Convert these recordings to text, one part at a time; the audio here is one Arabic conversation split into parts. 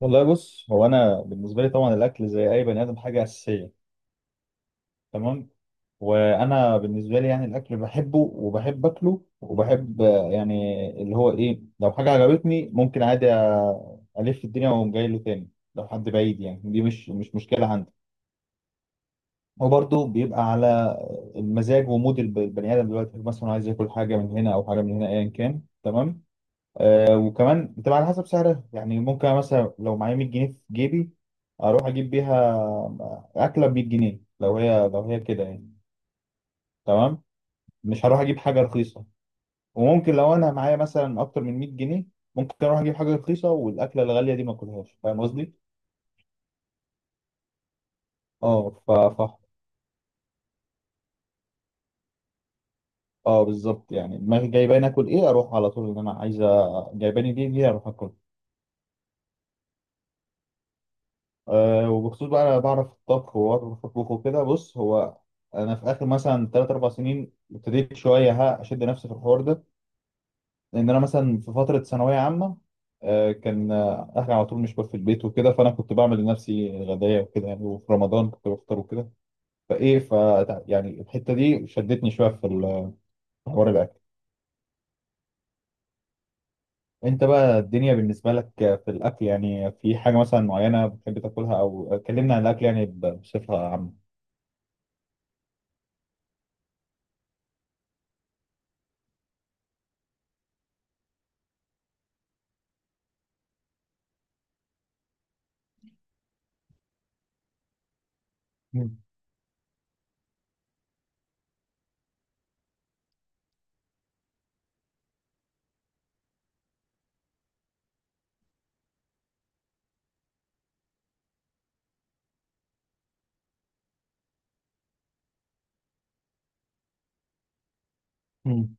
والله بص، هو انا بالنسبه لي طبعا الاكل زي اي بني ادم حاجه اساسيه. تمام. وانا بالنسبه لي يعني الاكل بحبه وبحب اكله وبحب يعني اللي هو ايه، لو حاجه عجبتني ممكن عادي الف الدنيا واقوم جاي له تاني. لو حد بعيد يعني دي مش مشكله عندي. وبرضه بيبقى على المزاج ومود البني ادم، دلوقتي مثلا عايز ياكل حاجه من هنا او حاجه من هنا ايا كان. تمام. وكمان بتبقى على حسب سعرها، يعني ممكن مثلا لو معايا 100 جنيه في جيبي، اروح اجيب بيها اكله ب 100 جنيه لو هي كده يعني. تمام. مش هروح اجيب حاجه رخيصه. وممكن لو انا معايا مثلا اكتر من 100 جنيه، ممكن اروح اجيب حاجه رخيصه والاكله الغاليه دي ما اكلهاش، فاهم قصدي؟ اه. ف ف اه، بالظبط، يعني دماغي جايباني اكل ايه اروح على طول، ان انا عايزه جايباني دي اروح اكل. أه، وبخصوص بقى أنا بعرف الطبخ وبعرف أطبخ وكده، بص هو أنا في آخر مثلا تلات أربع سنين ابتديت شوية ها أشد نفسي في الحوار ده. لأن أنا مثلا في فترة ثانوية عامة، أه كان أهلي على طول مش في البيت وكده، فأنا كنت بعمل لنفسي غداية وكده يعني، وفي رمضان كنت بفطر وكده. فإيه، يعني الحتة دي شدتني شوية في في حوار الأكل. أنت بقى الدنيا بالنسبة لك في الأكل، يعني في حاجة مثلا معينة بتحب تاكلها، أو كلمنا عن الأكل يعني بصفة عامة. مم. مم.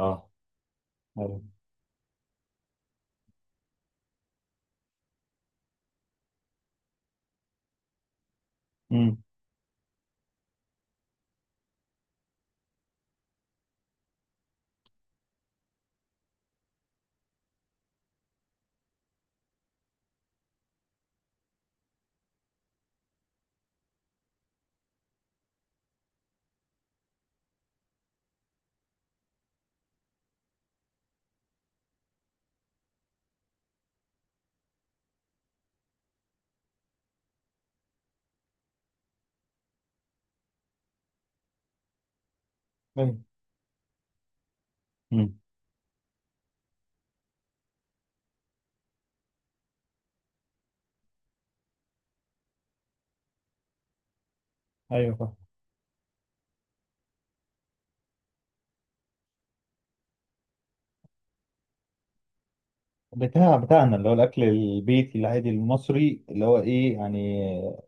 اه. ايوه. امم. ايوه. امم. ايوه. فاهم. بتاعنا اللي هو الاكل البيتي العادي المصري، اللي هو ايه يعني،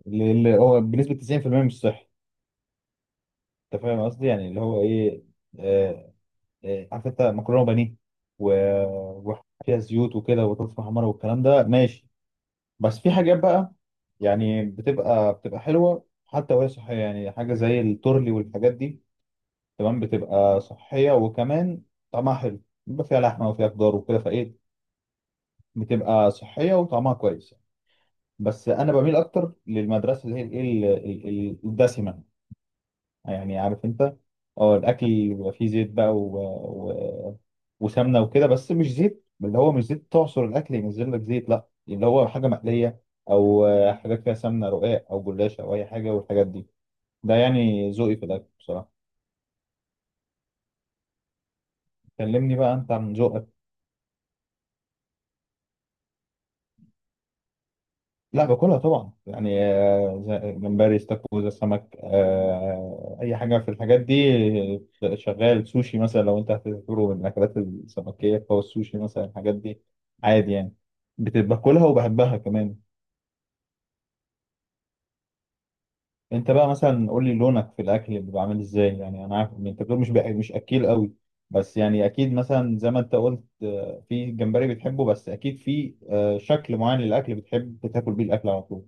اللي هو بنسبه 90% مش صحي. انت فاهم قصدي، يعني اللي هو ايه، آه، عارف انت، مكرونه بانيه و- وفيها زيوت وكده وبطاطس محمره والكلام ده، ماشي. بس في حاجات بقى يعني بتبقى حلوه حتى وهي صحيه، يعني حاجه زي التورلي والحاجات دي. تمام، بتبقى صحيه وكمان طعمها حلو. بيبقى فيها لحمه وفيها خضار وكده، فايه، بتبقى صحية وطعمها كويس. بس أنا بميل أكتر للمدرسة اللي هي الإيه، الدسمة، يعني عارف أنت. أه، الأكل بيبقى فيه زيت بقى و... وسمنة وكده، بس مش زيت اللي هو مش زيت تعصر الأكل ينزل لك زيت، لا اللي هو حاجة مقلية، أو حاجة فيها سمنة، رقاق أو جلاش أو أي حاجة والحاجات دي. ده يعني ذوقي في الأكل بصراحة. كلمني بقى أنت عن ذوقك. لا، باكلها طبعا يعني، جمبري، استاكوزا، سمك، اي حاجه في الحاجات دي. شغال سوشي مثلا، لو انت هتعتبره من الاكلات السمكيه، فهو السوشي مثلا، الحاجات دي عادي يعني. باكلها وبحبها كمان. انت بقى مثلا قول لي لونك في الاكل اللي بعمل ازاي، يعني انا عارف إن انت بتقول مش مش اكيل قوي، بس يعني اكيد مثلا زي ما انت قلت في جمبري بتحبه، بس اكيد في شكل معين للاكل بتحب تاكل بيه الاكل على طول.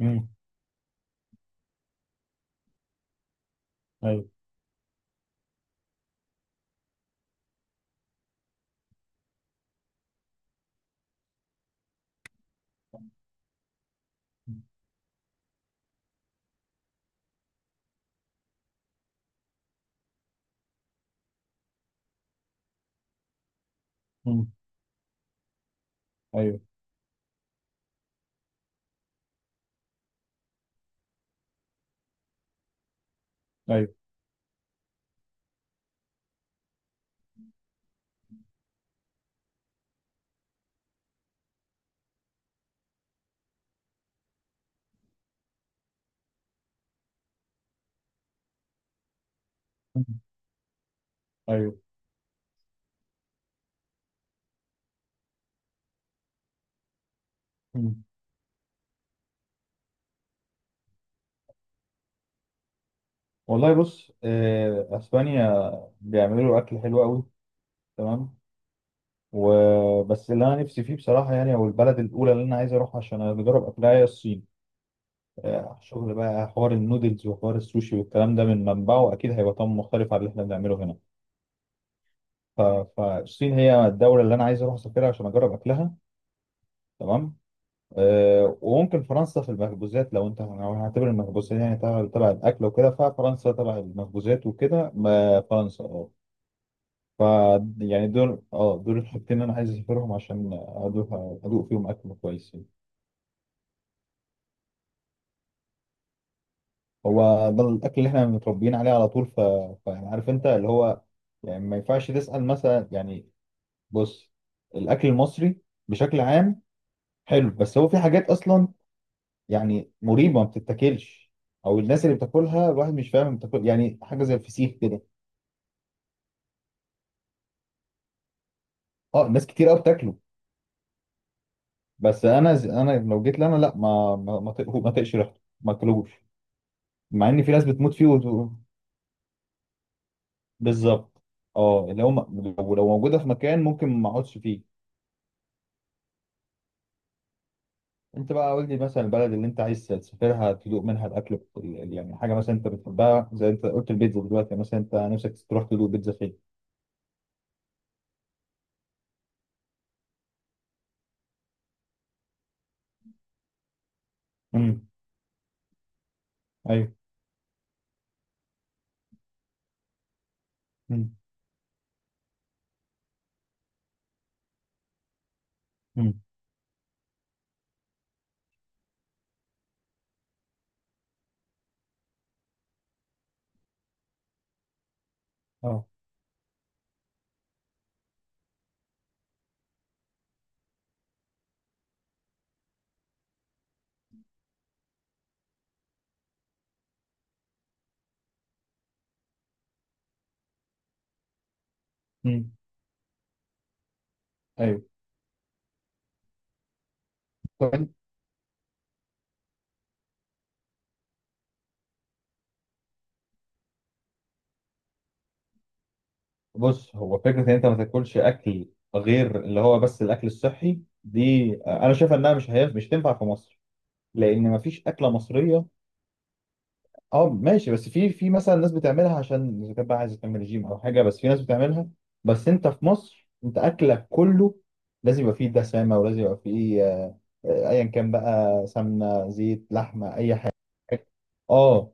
امم. ايوه. امم. ايوه. ايوه. ايوه. مم. والله بص، اسبانيا بيعملوا اكل حلو قوي. تمام. وبس اللي انا نفسي فيه بصراحه يعني، او البلد الاولى اللي انا عايز اروحها عشان اجرب اكلها، هي الصين. شغل بقى حوار النودلز وحوار السوشي والكلام ده، من منبعه اكيد هيبقى طعم مختلف عن اللي احنا بنعمله هنا. ف- فالصين هي الدوله اللي انا عايز اروح اسافرها عشان اجرب اكلها. تمام. وممكن فرنسا في المخبوزات، لو هنعتبر المخبوزات يعني تبع الاكل وكده، ففرنسا تبع المخبوزات وكده، ما فرنسا اه. ف يعني دول الحاجتين اللي انا عايز اسافرهم عشان ادوق فيهم اكل كويس يعني. هو ده الاكل اللي احنا متربيين عليه على طول، فيعني عارف انت اللي هو، يعني ما ينفعش تسأل مثلا، يعني بص، الاكل المصري بشكل عام حلو، بس هو في حاجات اصلا يعني مريبه ما بتتاكلش، او الناس اللي بتاكلها الواحد مش فاهم بتاكل يعني حاجه زي الفسيخ كده. اه، ناس كتير قوي بتاكله، بس انا انا لو جيت لنا لا، ما تقش ريحته ما اكلوش، مع ان في ناس بتموت فيه بالظبط. اه، اللي هو لو موجوده في مكان ممكن ما اقعدش فيه. انت بقى قول لي مثلا، البلد اللي انت عايز تسافرها تدوق منها الاكل، يعني حاجه مثلا انت بتحبها زي انت قلت البيتزا، دلوقتي مثلا انت نفسك تروح تدوق بيتزا فين؟ امم. ايوه. امم. امم. اه. امم. ايوه. طيب. بص، هو فكرة إن أنت ما تاكلش أكل غير اللي هو بس الأكل الصحي دي، أنا شايف إنها مش، هي مش تنفع في مصر، لأن ما فيش أكلة مصرية. أه ماشي، بس في مثلا ناس بتعملها عشان إذا كانت بقى عايزة تعمل رجيم أو حاجة، بس في ناس بتعملها. بس أنت في مصر أنت أكلك كله لازم يبقى فيه دسامة، ولازم يبقى فيه أيا كان بقى، سمنة، زيت، لحمة، أي حاجة. اه،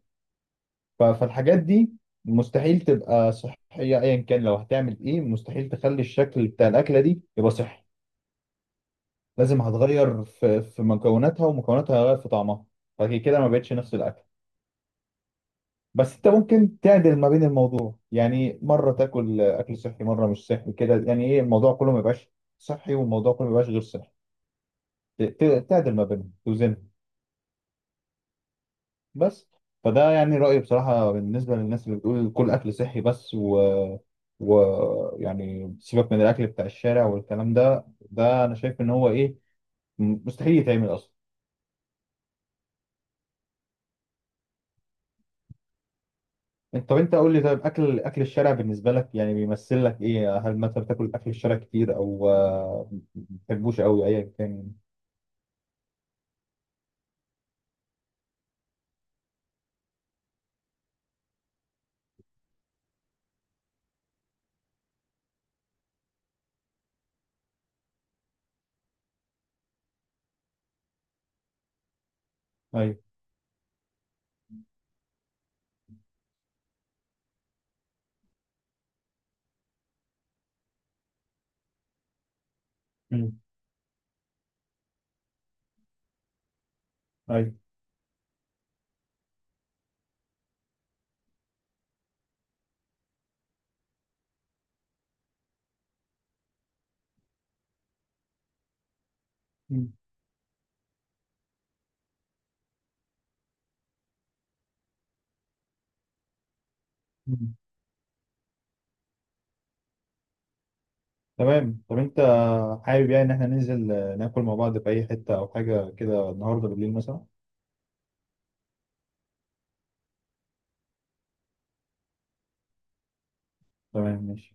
فالحاجات دي مستحيل تبقى صحية. ايا كان لو هتعمل ايه، مستحيل تخلي الشكل بتاع الاكلة دي يبقى صحي. لازم هتغير في مكوناتها، ومكوناتها هتغير في طعمها، فكده كده ما بقتش نفس الاكل. بس انت ممكن تعدل ما بين الموضوع، يعني مرة تاكل اكل صحي مرة مش صحي كده، يعني ايه الموضوع كله ما يبقاش صحي والموضوع كله ما يبقاش غير صحي، تعدل ما بينهم، توزنهم. بس، فده يعني رأيي بصراحة بالنسبة للناس اللي بتقول كل أكل صحي بس، و... و يعني سيبك من الأكل بتاع الشارع والكلام ده، ده أنا شايف إن هو إيه، مستحيل يتعمل أصلا. أنت طب أنت قول لي، طيب أكل الشارع بالنسبة لك يعني بيمثل لك إيه، هل مثلا بتاكل أكل الشارع كتير، أو ما بتحبوش أوي أيا كان؟ أيوه. مم. أيوه. مم. مم. تمام. طب أنت حابب يعني إن إحنا ننزل ناكل مع بعض في أي حتة أو حاجة كده النهاردة بالليل مثلا؟ تمام، ماشي.